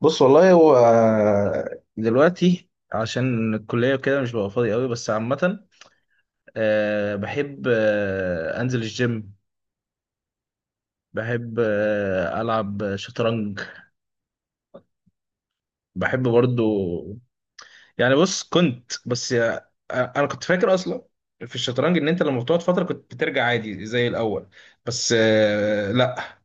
بص، والله هو دلوقتي عشان الكلية وكده مش ببقى فاضي قوي، بس عامة بحب أنزل الجيم. بحب ألعب شطرنج. بحب برضو. يعني بص، كنت بس أنا كنت فاكر أصلا في الشطرنج إن أنت لما بتقعد فترة كنت بترجع عادي زي الأول. بس لأ،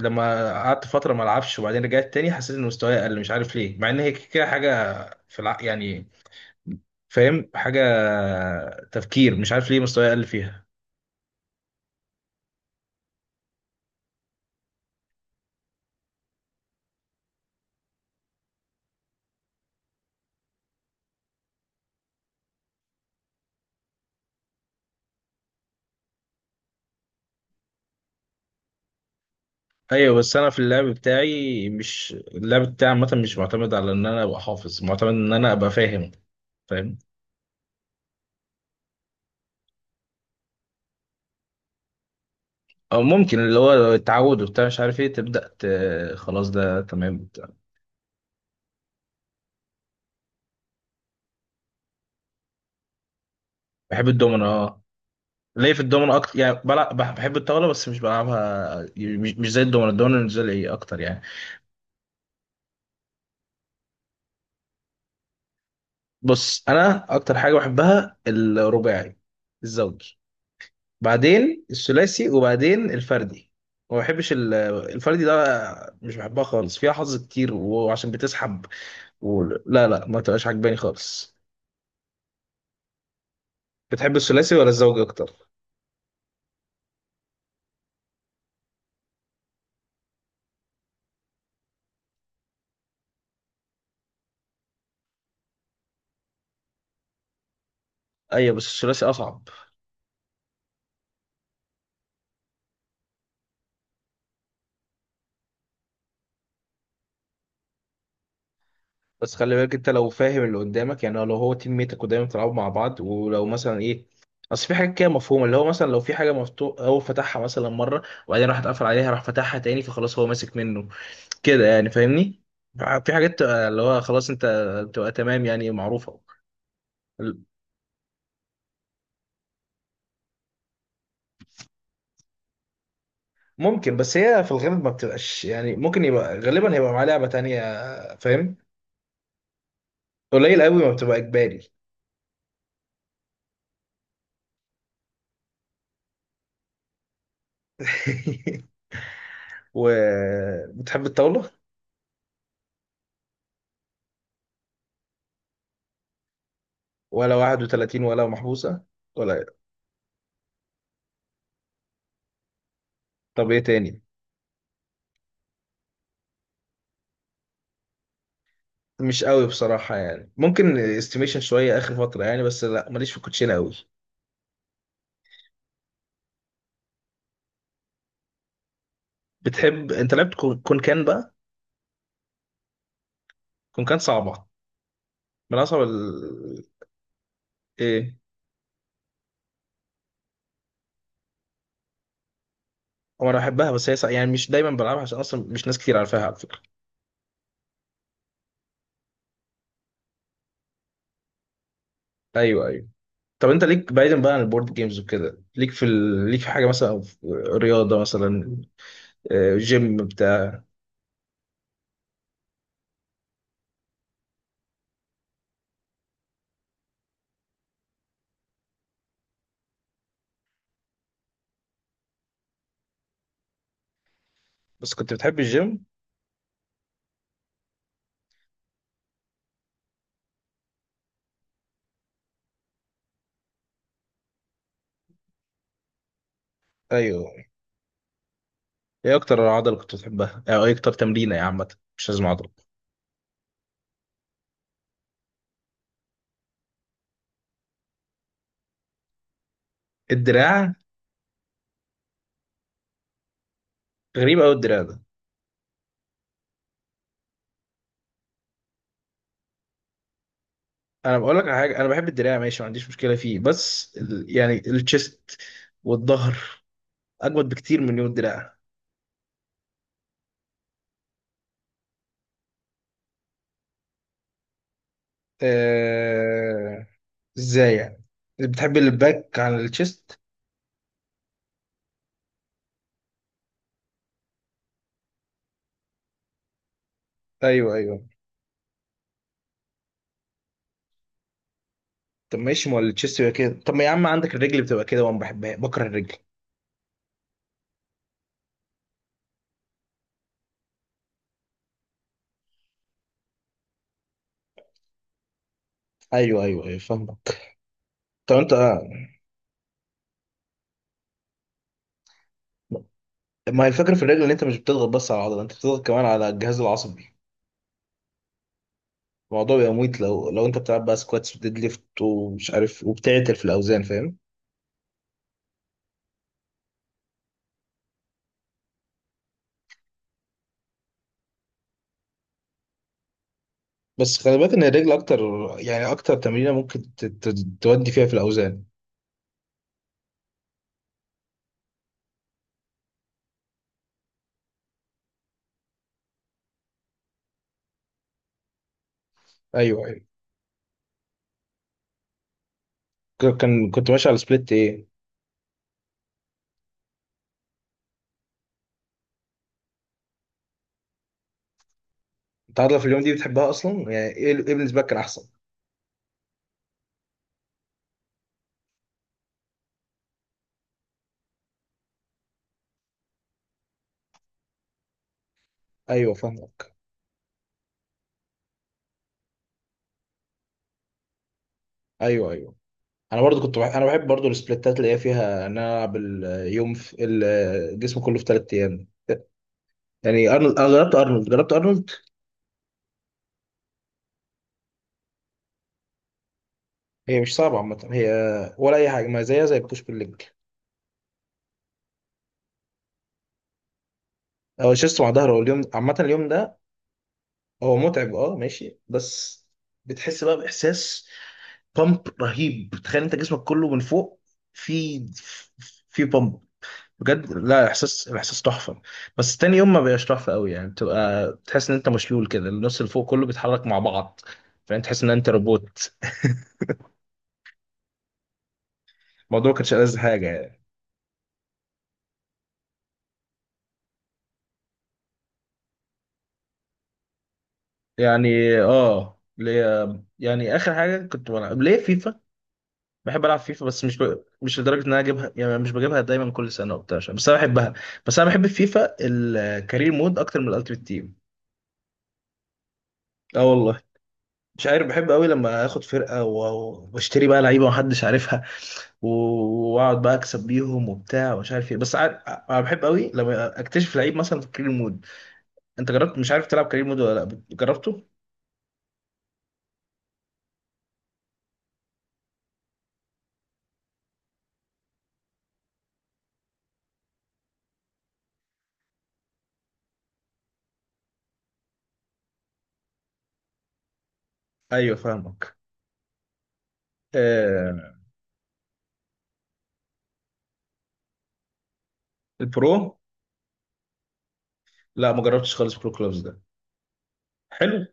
لما قعدت فترة ما ألعبش وبعدين رجعت تاني حسيت إن مستواي أقل، مش عارف ليه، مع إن هي كده حاجة يعني، فاهم، حاجة تفكير. مش عارف ليه مستواي أقل فيها. أيوة، بس أنا في اللعب بتاعي، مش اللعب بتاعي عامة، مش معتمد على إن أنا أبقى حافظ، معتمد إن أنا أبقى فاهم. فاهم. أو ممكن اللي هو التعود وبتاع، مش عارف إيه، خلاص ده تمام بتاع. بحب الدومينو، أه. ليه؟ في الدومينو أكتر، يعني بلعب بحب الطاولة بس مش بلعبها، مش زي الدومينو. الدومينو بالنسبة لي إيه أكتر يعني. بص، أنا أكتر حاجة بحبها الرباعي، الزوجي، بعدين الثلاثي وبعدين الفردي. ما بحبش ال- الفردي ده مش بحبها خالص، فيها حظ كتير وعشان بتسحب، و... لا لا، ما تبقاش عجباني خالص. بتحب الثلاثي ولا الزوجي اكتر؟ ايوه بس الثلاثي اصعب. بس خلي بالك، انت لو فاهم اللي قدامك، يعني لو هو تيم ميتك ودايما بتلعبوا مع بعض، ولو مثلا ايه، اصل في حاجات كده مفهومه، اللي هو مثلا لو في حاجه مفتوح هو فتحها مثلا مره وبعدين راح اتقفل عليها، راح فتحها تاني، فخلاص هو ماسك منه كده، يعني فاهمني. في حاجات تبقى اللي هو خلاص انت بتبقى تمام، يعني معروفة. ممكن، بس هي في الغالب ما بتبقاش، يعني ممكن يبقى غالبا هيبقى معاه لعبة تانية، فاهم. قليل قوي ما بتبقى إجباري. وبتحب الطاولة؟ ولا 31، ولا محبوسة، ولا إيه؟ طب ايه تاني؟ مش قوي بصراحة، يعني ممكن استيميشن شوية آخر فترة، يعني بس لا، ماليش في الكوتشينة قوي. بتحب انت؟ لعبت كون كان بقى؟ كون كان صعبة، من أصعب ايه. هو انا بحبها، بس هي يعني مش دايما بلعبها عشان اصلا مش ناس كتير عارفاها على فكره. ايوه ايوه. طب انت ليك بعيدا بقى عن البورد جيمز وكده؟ ليك في حاجه مثلا، في رياضه مثلا، جيم بتاع؟ بس كنت بتحب الجيم. ايوه. ايه اكتر عضله كنت بتحبها او ايه اكتر تمرينه، يا عامه مش لازم عضله؟ الدراع. غريب قوي الدراع ده. انا بقول لك على حاجه، انا بحب الدراع ماشي، ما عنديش مشكله فيه، بس يعني الشيست والظهر اجمد بكتير من يوم الدراع. ازاي يعني؟ بتحب الباك عن التشيست؟ ايوه ايوه. طب ماشي، ما هو التشيست يبقى كده. طب، ما يا عم عندك الرجل بتبقى كده، وانا بحبها، بكره الرجل. ايوه ايوه ايوه فاهمك. طب انت، ما هي الفكره في الرجل، ان انت مش بتضغط بس على العضله، انت بتضغط كمان على الجهاز العصبي. الموضوع بيبقى مميت، لو انت بتلعب بقى سكواتس وديد ليفت ومش عارف، وبتعتل في الاوزان، فاهم. بس خلي بالك ان الرجل اكتر، يعني اكتر تمرينه ممكن تودي فيها في الاوزان. ايوه ايوه. كان كنت ماشي على سبليت ايه؟ التعاطلة في اليوم دي بتحبها اصلا، يعني ايه ايه بالنسبه لك كان احسن؟ ايوه فاهمك. ايوه ايوه. انا برضو كنت بحب، انا بحب برضو السبليتات اللي هي فيها ان انا العب اليوم في الجسم كله في ثلاث ايام، يعني ارنولد. انا جربت ارنولد، جربت ارنولد. هي مش صعبه عامه، هي ولا اي حاجه، ما زيها زي البوش بالليج او الشيست مع ظهر. هو اليوم عامه، اليوم ده هو متعب اه، ماشي، بس بتحس بقى باحساس بامب رهيب. تخيل انت جسمك كله من فوق في في بامب. بجد، لا، احساس، الاحساس تحفه. بس تاني يوم ما بقاش تحفه قوي، يعني بتبقى بتحس ان انت مشلول كده، النص اللي فوق كله بيتحرك مع بعض، فانت تحس ان انت روبوت. الموضوع ما كانش ألذ حاجه يعني. يعني اه، ليه، يعني اخر حاجه كنت بلعب ليه فيفا. بحب العب فيفا، بس مش لدرجه ان انا اجيبها، يعني مش بجيبها دايما كل سنه وبتاع بس انا بحبها. بس انا بحب فيفا الكارير مود اكتر من الالتيميت تيم. اه والله. مش عارف، بحب قوي لما اخد فرقه واشتري بقى لعيبه محدش عارفها، و- واقعد بقى اكسب بيهم وبتاع ومش عارف ايه، بس عارف أنا بحب قوي لما اكتشف لعيب مثلا في كارير مود. انت جربت؟ مش عارف تلعب كارير مود ولا لا جربته؟ ايوه فاهمك. آه، البرو. لا ما جربتش خالص برو كلوبز ده. حلو.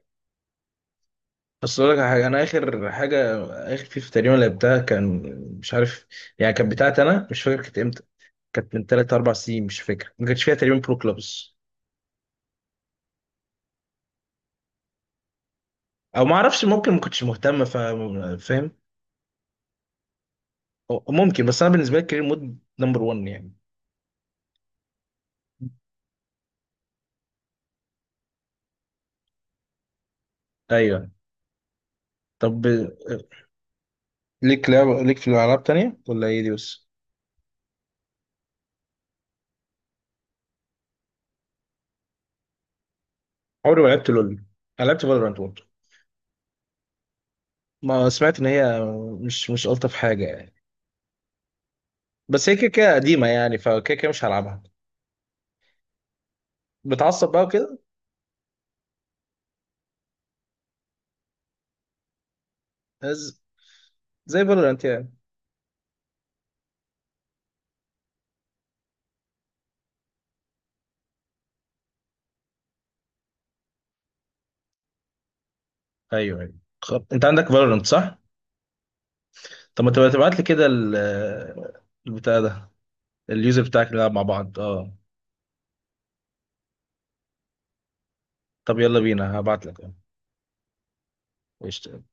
بس اقول لك على حاجه، انا اخر حاجه، اخر فيفا تقريبا لعبتها كان، مش عارف، يعني كانت بتاعتي انا، مش فاكر كانت امتى، كانت من 3 4 سنين، مش فاكر، ما كانش فيها تقريبا برو كلوبز. او ما اعرفش، ممكن ما كنتش مهتم فاهم. ممكن، بس انا بالنسبه لي كارير مود نمبر 1 يعني. ايوه. طب، ليك لعب، ليك في الالعاب تانية ولا هي دي بس؟ عمري ما لعبت لول. أنا لعبت فالورانت برضه. ما سمعت ان هي، مش الطف حاجه يعني، بس هي كده كده قديمه يعني، فكده كده مش هلعبها. بتعصب بقى وكده؟ ز- زي فالورانت يعني. ايوه ايوه. خب. انت عندك فالورانت صح؟ طب ما تبقى تبعت لي كده البتاع ده، اليوزر بتاعك، نلعب مع بعض اه. طب يلا بينا، هبعت لك. قشطة.